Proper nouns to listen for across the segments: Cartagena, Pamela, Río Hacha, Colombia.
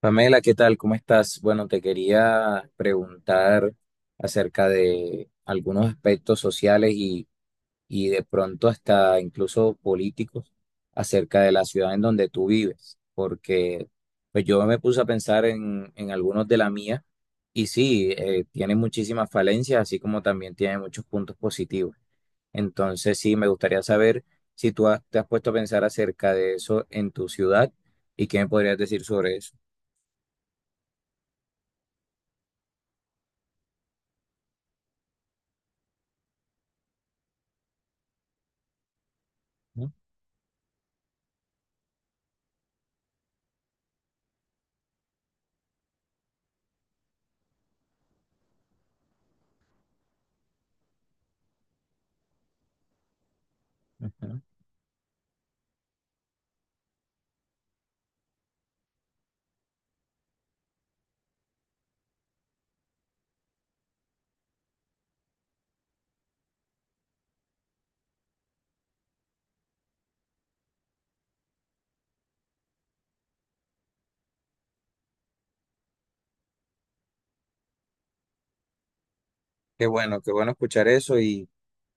Pamela, ¿qué tal? ¿Cómo estás? Bueno, te quería preguntar acerca de algunos aspectos sociales y de pronto hasta incluso políticos acerca de la ciudad en donde tú vives, porque pues yo me puse a pensar en algunos de la mía y sí, tiene muchísimas falencias, así como también tiene muchos puntos positivos. Entonces, sí, me gustaría saber si te has puesto a pensar acerca de eso en tu ciudad y qué me podrías decir sobre eso. Ujú. Qué bueno escuchar eso y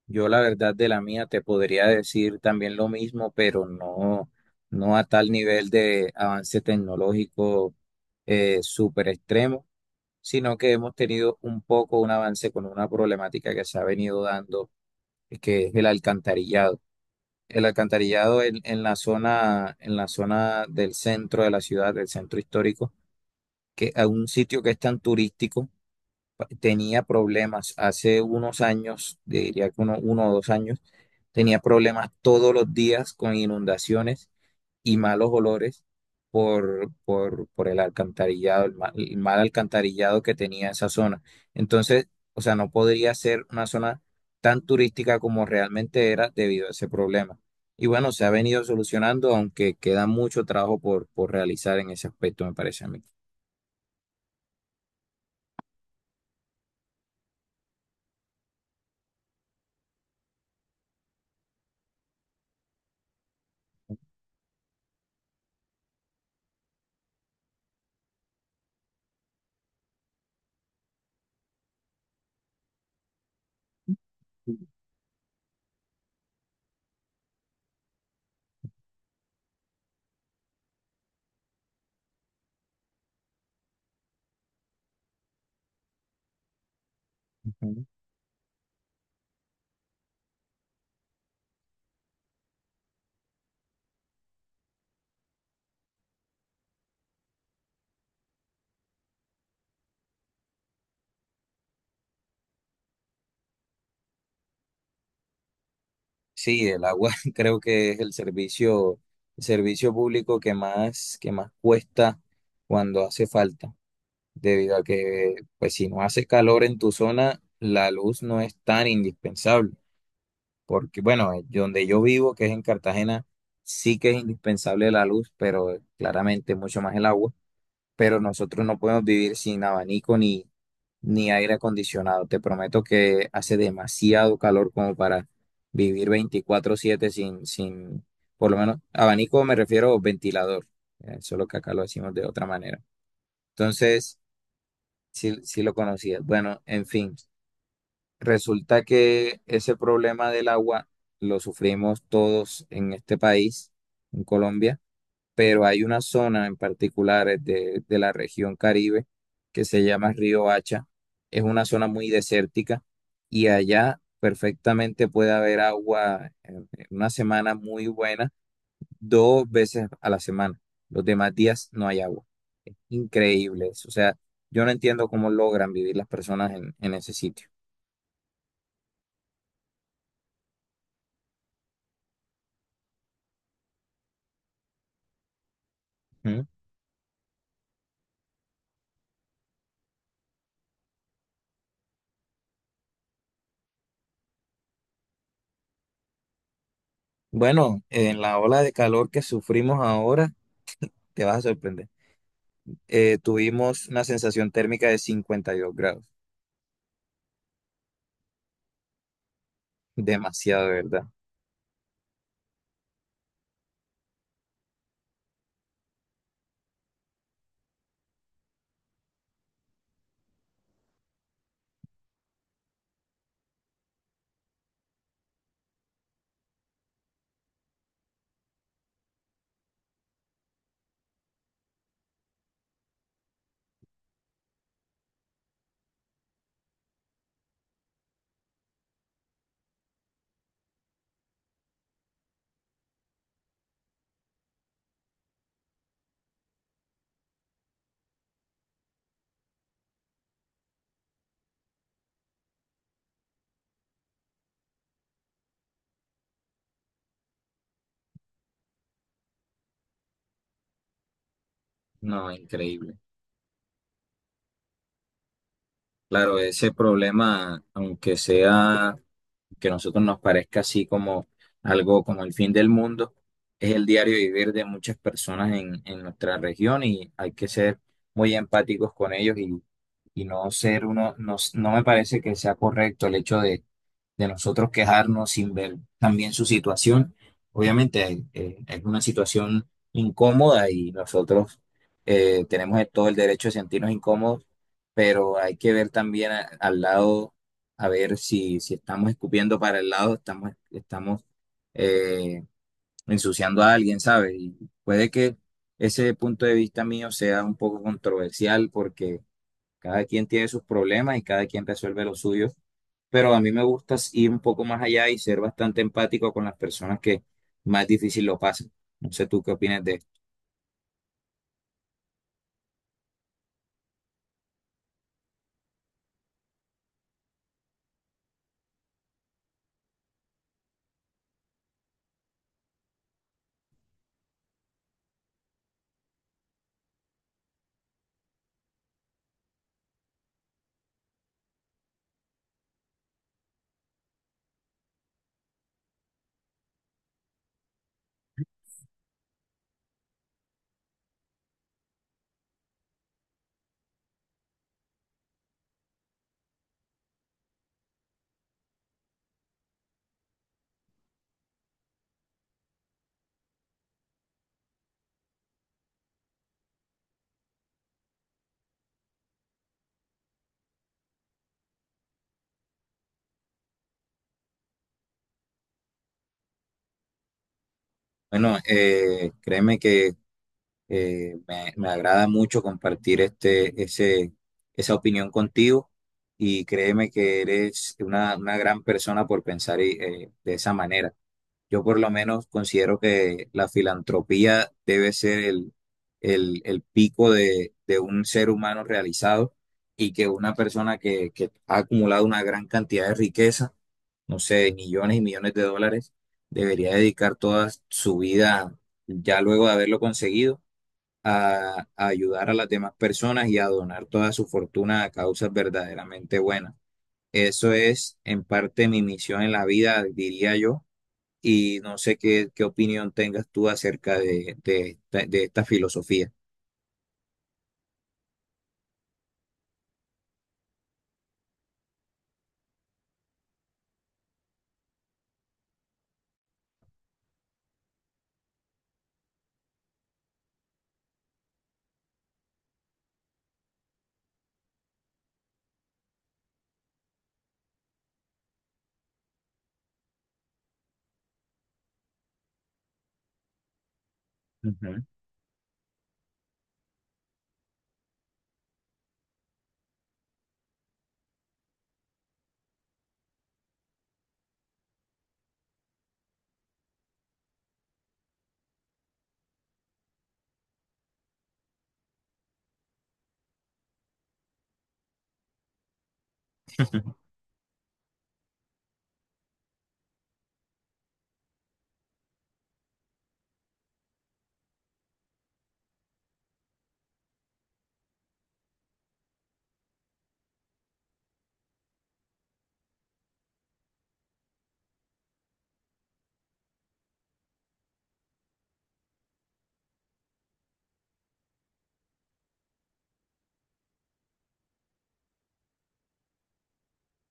yo la verdad de la mía te podría decir también lo mismo, pero no, no a tal nivel de avance tecnológico súper extremo, sino que hemos tenido un poco un avance con una problemática que se ha venido dando, que es el alcantarillado. El alcantarillado en la zona del centro de la ciudad, del centro histórico, que a un sitio que es tan turístico tenía problemas hace unos años, diría que 1 o 2 años, tenía problemas todos los días con inundaciones y malos olores por el alcantarillado, el mal, alcantarillado que tenía esa zona. Entonces, o sea, no podría ser una zona tan turística como realmente era debido a ese problema. Y bueno, se ha venido solucionando, aunque queda mucho trabajo por realizar en ese aspecto, me parece a mí. Sí, el agua creo que es el servicio público que que más cuesta cuando hace falta, debido a que, pues si no hace calor en tu zona, la luz no es tan indispensable, porque bueno, donde yo vivo, que es en Cartagena, sí que es indispensable la luz, pero claramente mucho más el agua pero nosotros no podemos vivir sin abanico ni aire acondicionado. Te prometo que hace demasiado calor como para vivir 24/7 sin, sin, por lo menos, abanico me refiero a ventilador, solo que acá lo decimos de otra manera. Entonces, sí, sí lo conocías. Bueno, en fin, resulta que ese problema del agua lo sufrimos todos en este país, en Colombia pero hay una zona en particular de la región Caribe que se llama Río Hacha. Es una zona muy desértica y allá perfectamente puede haber agua en una semana muy buena, dos veces a la semana. Los demás días no hay agua. Increíbles. O sea, yo no entiendo cómo logran vivir las personas en ese sitio. ¿Mm? Bueno, en la ola de calor que sufrimos ahora, te vas a sorprender. Tuvimos una sensación térmica de 52 grados. Demasiado, ¿de verdad? No, increíble. Claro, ese problema, aunque sea que a nosotros nos parezca así como algo como el fin del mundo, es el diario vivir de muchas personas en nuestra región y hay que ser muy empáticos con ellos y no ser uno, no, no me parece que sea correcto el hecho de nosotros quejarnos sin ver también su situación. Obviamente es una situación incómoda y nosotros tenemos todo el derecho de sentirnos incómodos, pero hay que ver también al lado a ver si, si estamos escupiendo para el lado, estamos eh, ensuciando a alguien, ¿sabes? Y puede que ese punto de vista mío sea un poco controversial porque cada quien tiene sus problemas y cada quien resuelve los suyos, pero a mí me gusta ir un poco más allá y ser bastante empático con las personas que más difícil lo pasan. No sé tú qué opinas de esto. Bueno, créeme que me agrada mucho compartir esa opinión contigo y créeme que eres una gran persona por pensar y, de esa manera. Yo por lo menos considero que la filantropía debe ser el pico de un ser humano realizado y que una persona que ha acumulado una gran cantidad de riqueza, no sé, millones y millones de dólares, debería dedicar toda su vida ya luego de haberlo conseguido a ayudar a las demás personas y a donar toda su fortuna a causas verdaderamente buenas. Eso es en parte mi misión en la vida, diría yo, y no sé qué opinión tengas tú acerca de esta filosofía. Ujú.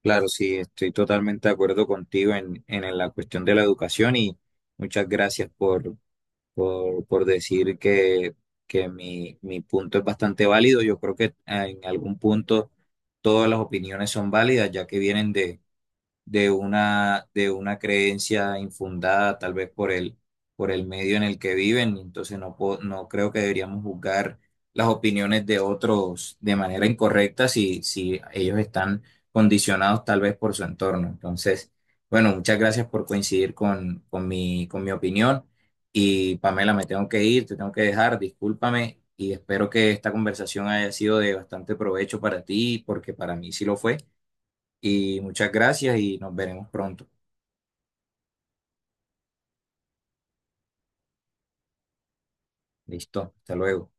Claro, sí, estoy totalmente de acuerdo contigo en la cuestión de la educación y muchas gracias por decir que mi punto es bastante válido. Yo creo que en algún punto todas las opiniones son válidas, ya que vienen de una creencia infundada, tal vez por el medio en el que viven. Entonces no creo que deberíamos juzgar las opiniones de otros de manera incorrecta si ellos están condicionados tal vez por su entorno. Entonces, bueno, muchas gracias por coincidir con mi opinión. Y Pamela, me tengo que ir, te tengo que dejar, discúlpame. Y espero que esta conversación haya sido de bastante provecho para ti, porque para mí sí lo fue. Y muchas gracias y nos veremos pronto. Listo, hasta luego.